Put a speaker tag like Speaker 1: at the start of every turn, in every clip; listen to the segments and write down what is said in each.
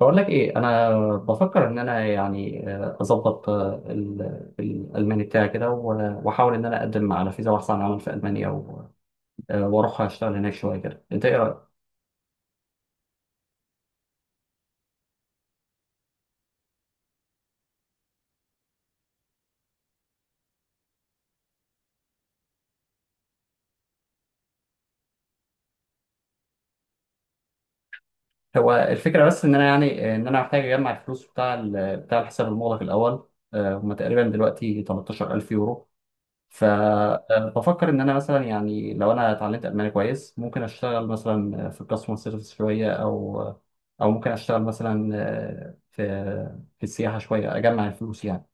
Speaker 1: بقول لك ايه. انا بفكر ان انا، يعني، اظبط الالماني بتاعي كده، واحاول ان انا اقدم على فيزا بحث عن عمل في المانيا، واروح اشتغل هناك شويه كده. انت ايه رايك؟ هو الفكره بس ان انا، يعني، ان انا محتاج اجمع الفلوس بتاع الحساب المغلق الاول. هما تقريبا دلوقتي 13,000 يورو. فبفكر ان انا مثلا يعني لو انا اتعلمت الماني كويس، ممكن اشتغل مثلا في الكاستمر سيرفيس شويه، او ممكن اشتغل مثلا في السياحه شويه، اجمع الفلوس يعني.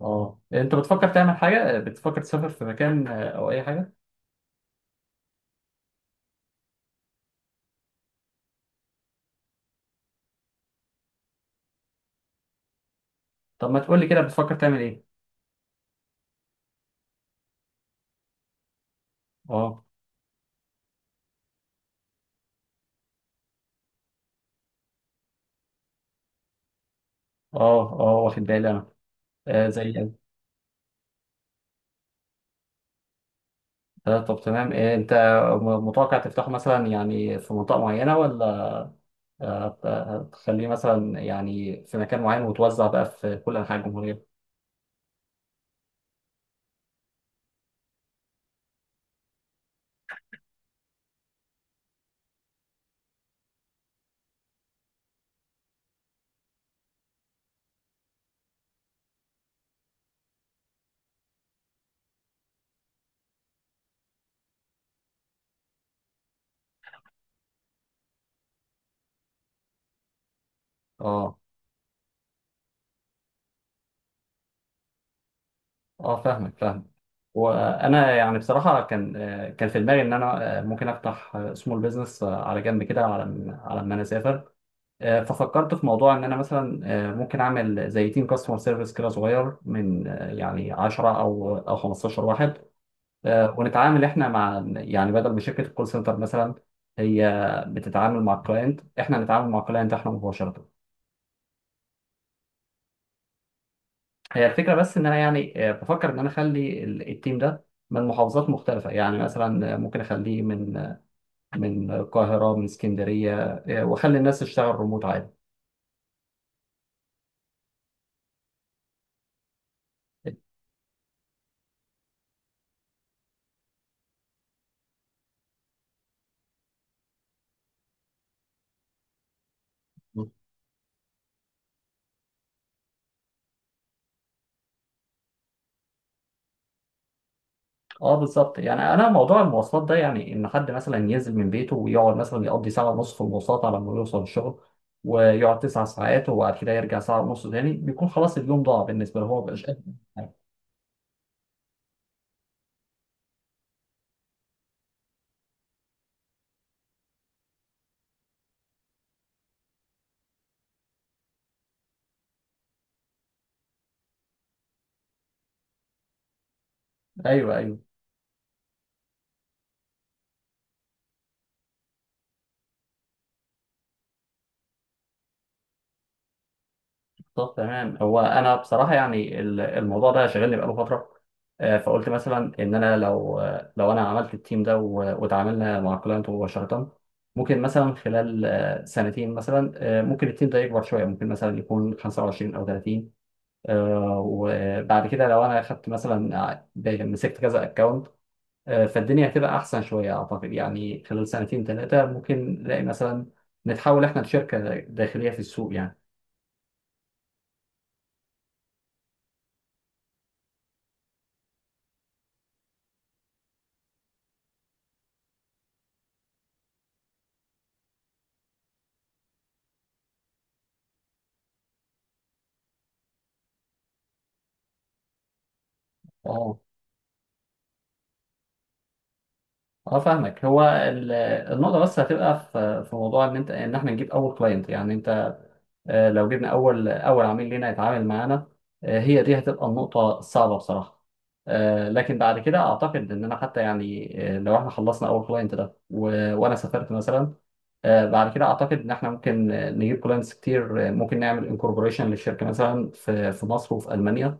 Speaker 1: اه، انت بتفكر تعمل حاجه؟ بتفكر تسافر في مكان او اي حاجه؟ طب ما تقول لي كده، بتفكر تعمل ايه؟ اه، اه، اه، واخد بالي انا. زي... طب، تمام. انت متوقع تفتحه مثلا، يعني في منطقه معينه، ولا هتخليه مثلا يعني في مكان معين، وتوزع بقى في كل انحاء الجمهوريه؟ اه، اه، فاهمك فاهمك. وانا يعني بصراحه كان، كان في دماغي ان انا، ممكن افتح سمول بزنس على جنب كده، على ما انا اسافر. ففكرت في موضوع ان انا مثلا، ممكن اعمل زي تيم كاستمر سيرفيس كده صغير من، يعني 10 او 15 واحد. ونتعامل احنا مع، يعني، بدل ما شركه الكول سنتر مثلا هي بتتعامل مع الكلاينت، احنا نتعامل مع الكلاينت احنا مباشره. هي الفكرة بس إن أنا، يعني، بفكر إن أنا أخلي التيم ده من محافظات مختلفة، يعني مثلا ممكن أخليه من من القاهرة، من اسكندرية. وأخلي الناس تشتغل ريموت عادي. اه، بالظبط يعني. انا موضوع المواصلات ده، يعني ان حد مثلا ينزل من بيته، ويقعد مثلا يقضي ساعه ونص في المواصلات على ما يوصل الشغل، ويقعد 9 ساعات، وبعد كده يرجع ساعه ونص تاني، بيكون خلاص اليوم ضاع بالنسبه له، هو مبقاش قادر. ايوه، ايوه. طب، تمام. هو انا بصراحه يعني الموضوع ده شاغلني بقاله فتره. فقلت مثلا ان انا لو، لو انا عملت التيم ده وتعاملنا مع كلاينت مباشره، ممكن مثلا خلال سنتين مثلا، ممكن التيم ده يكبر شويه، ممكن مثلا يكون 25 او 30. وبعد كده لو انا خدت مثلا مسكت كذا اكونت، فالدنيا هتبقى احسن شويه اعتقد، يعني خلال سنتين ثلاثه ممكن نلاقي مثلا نتحول احنا لشركه داخليه في السوق يعني. اه، فاهمك. هو النقطة بس هتبقى في موضوع ان انت، ان احنا نجيب اول كلاينت يعني. انت، لو جبنا اول عميل لينا يتعامل معانا، هي دي هتبقى النقطة الصعبة بصراحة. لكن بعد كده اعتقد اننا حتى، يعني، لو احنا خلصنا اول كلاينت ده وانا سافرت مثلا، بعد كده اعتقد ان احنا ممكن نجيب كلاينتس كتير. ممكن نعمل انكوربوريشن للشركة مثلا في مصر وفي ألمانيا.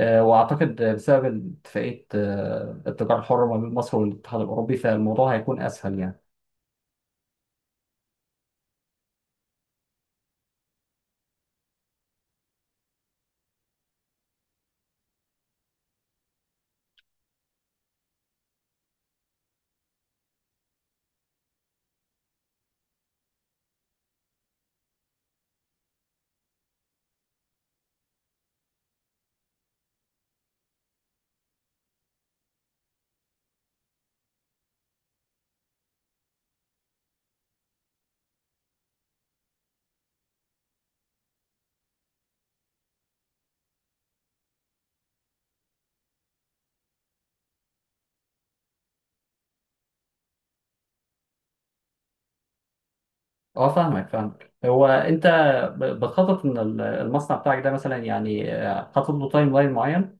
Speaker 1: وأعتقد بسبب اتفاقية التجارة الحرة ما بين مصر والاتحاد الأوروبي، فالموضوع هيكون أسهل يعني. أه، فاهمك فاهمك. هو أنت بتخطط إن المصنع بتاعك ده، مثلا يعني حاطط له تايم لاين معين؟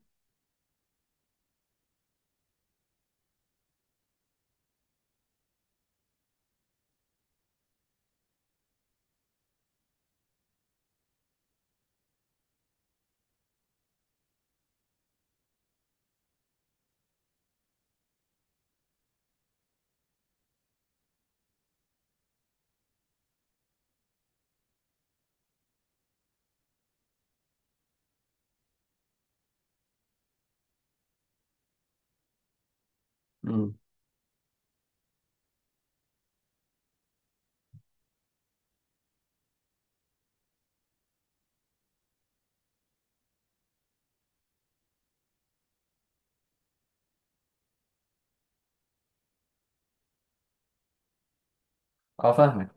Speaker 1: مم. أه، فاهمك.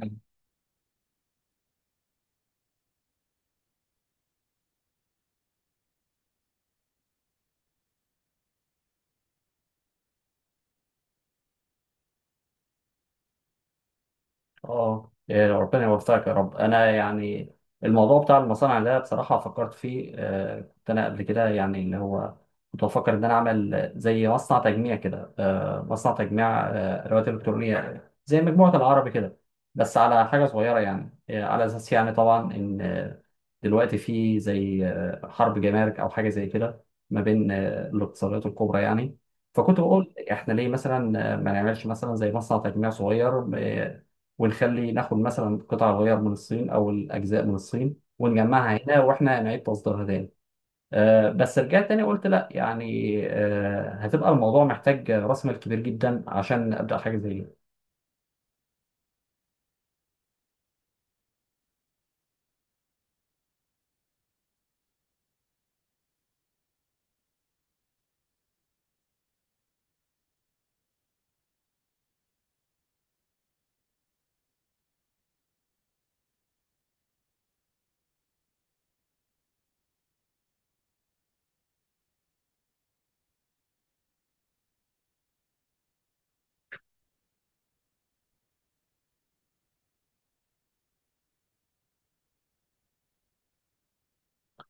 Speaker 1: اه، إيه، ربنا يوفقك يا رب. انا يعني الموضوع بتاع المصانع ده بصراحه فكرت فيه. كنت انا قبل كده، يعني اللي هو كنت بفكر ان انا اعمل زي مصنع تجميع كده، مصنع تجميع ادوات الكترونيه زي مجموعه العربي كده، بس على حاجه صغيره يعني. على اساس يعني طبعا ان دلوقتي في زي حرب جمارك او حاجه زي كده ما بين الاقتصادات الكبرى يعني. فكنت بقول احنا ليه مثلا ما نعملش مثلا زي مصنع تجميع صغير، ونخلي ناخد مثلا قطع الغيار من الصين او الاجزاء من الصين ونجمعها هنا، واحنا نعيد تصديرها تاني. بس رجعت تاني قلت لا، يعني هتبقى الموضوع محتاج راس مال كبير جدا عشان ابدا حاجه زي دي.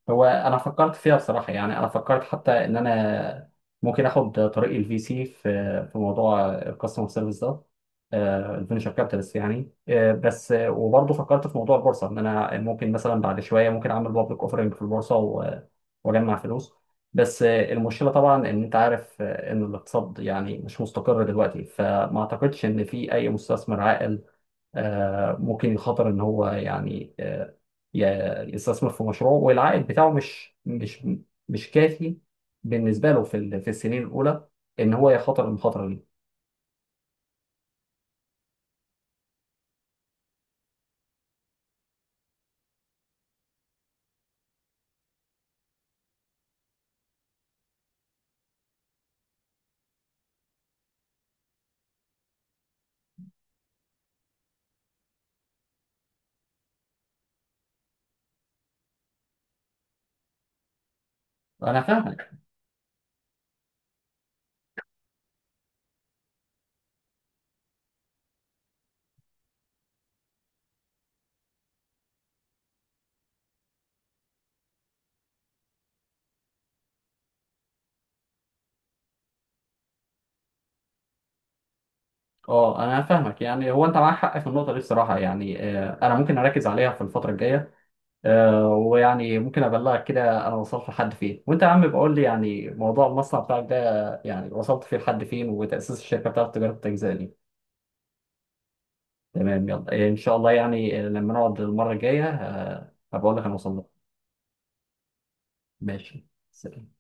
Speaker 1: هو انا فكرت فيها بصراحه، يعني انا فكرت حتى ان انا ممكن اخد طريق الفي سي في في موضوع الكاستمر سيرفيس ده، الفينشر كابيتالست يعني. بس وبرضه فكرت في موضوع البورصه ان انا ممكن مثلا بعد شويه ممكن اعمل بابليك اوفرنج في البورصه واجمع فلوس. بس المشكله طبعا ان انت عارف ان الاقتصاد يعني مش مستقر دلوقتي، فما اعتقدش ان في اي مستثمر عاقل ممكن يخاطر ان هو، يعني، يستثمر في مشروع والعائد بتاعه مش كافي بالنسبه له في السنين الاولى، ان هو يخاطر المخاطره دي. انا فاهمك. اه، انا فاهمك. يعني هو انت معاك حق في النقطه دي بصراحه يعني. انا ممكن اركز عليها في الفتره الجايه. ويعني ممكن ابلغك كده انا وصلت لحد فين، وانت يا عم بقول لي يعني موضوع المصنع بتاعك ده، يعني وصلت فيه لحد فين، وتاسيس الشركه بتاعت تجاره التجزئه دي. تمام، يلا، ان شاء الله يعني. لما نقعد المره الجايه هبقول لك انا وصلت. ماشي. سلام.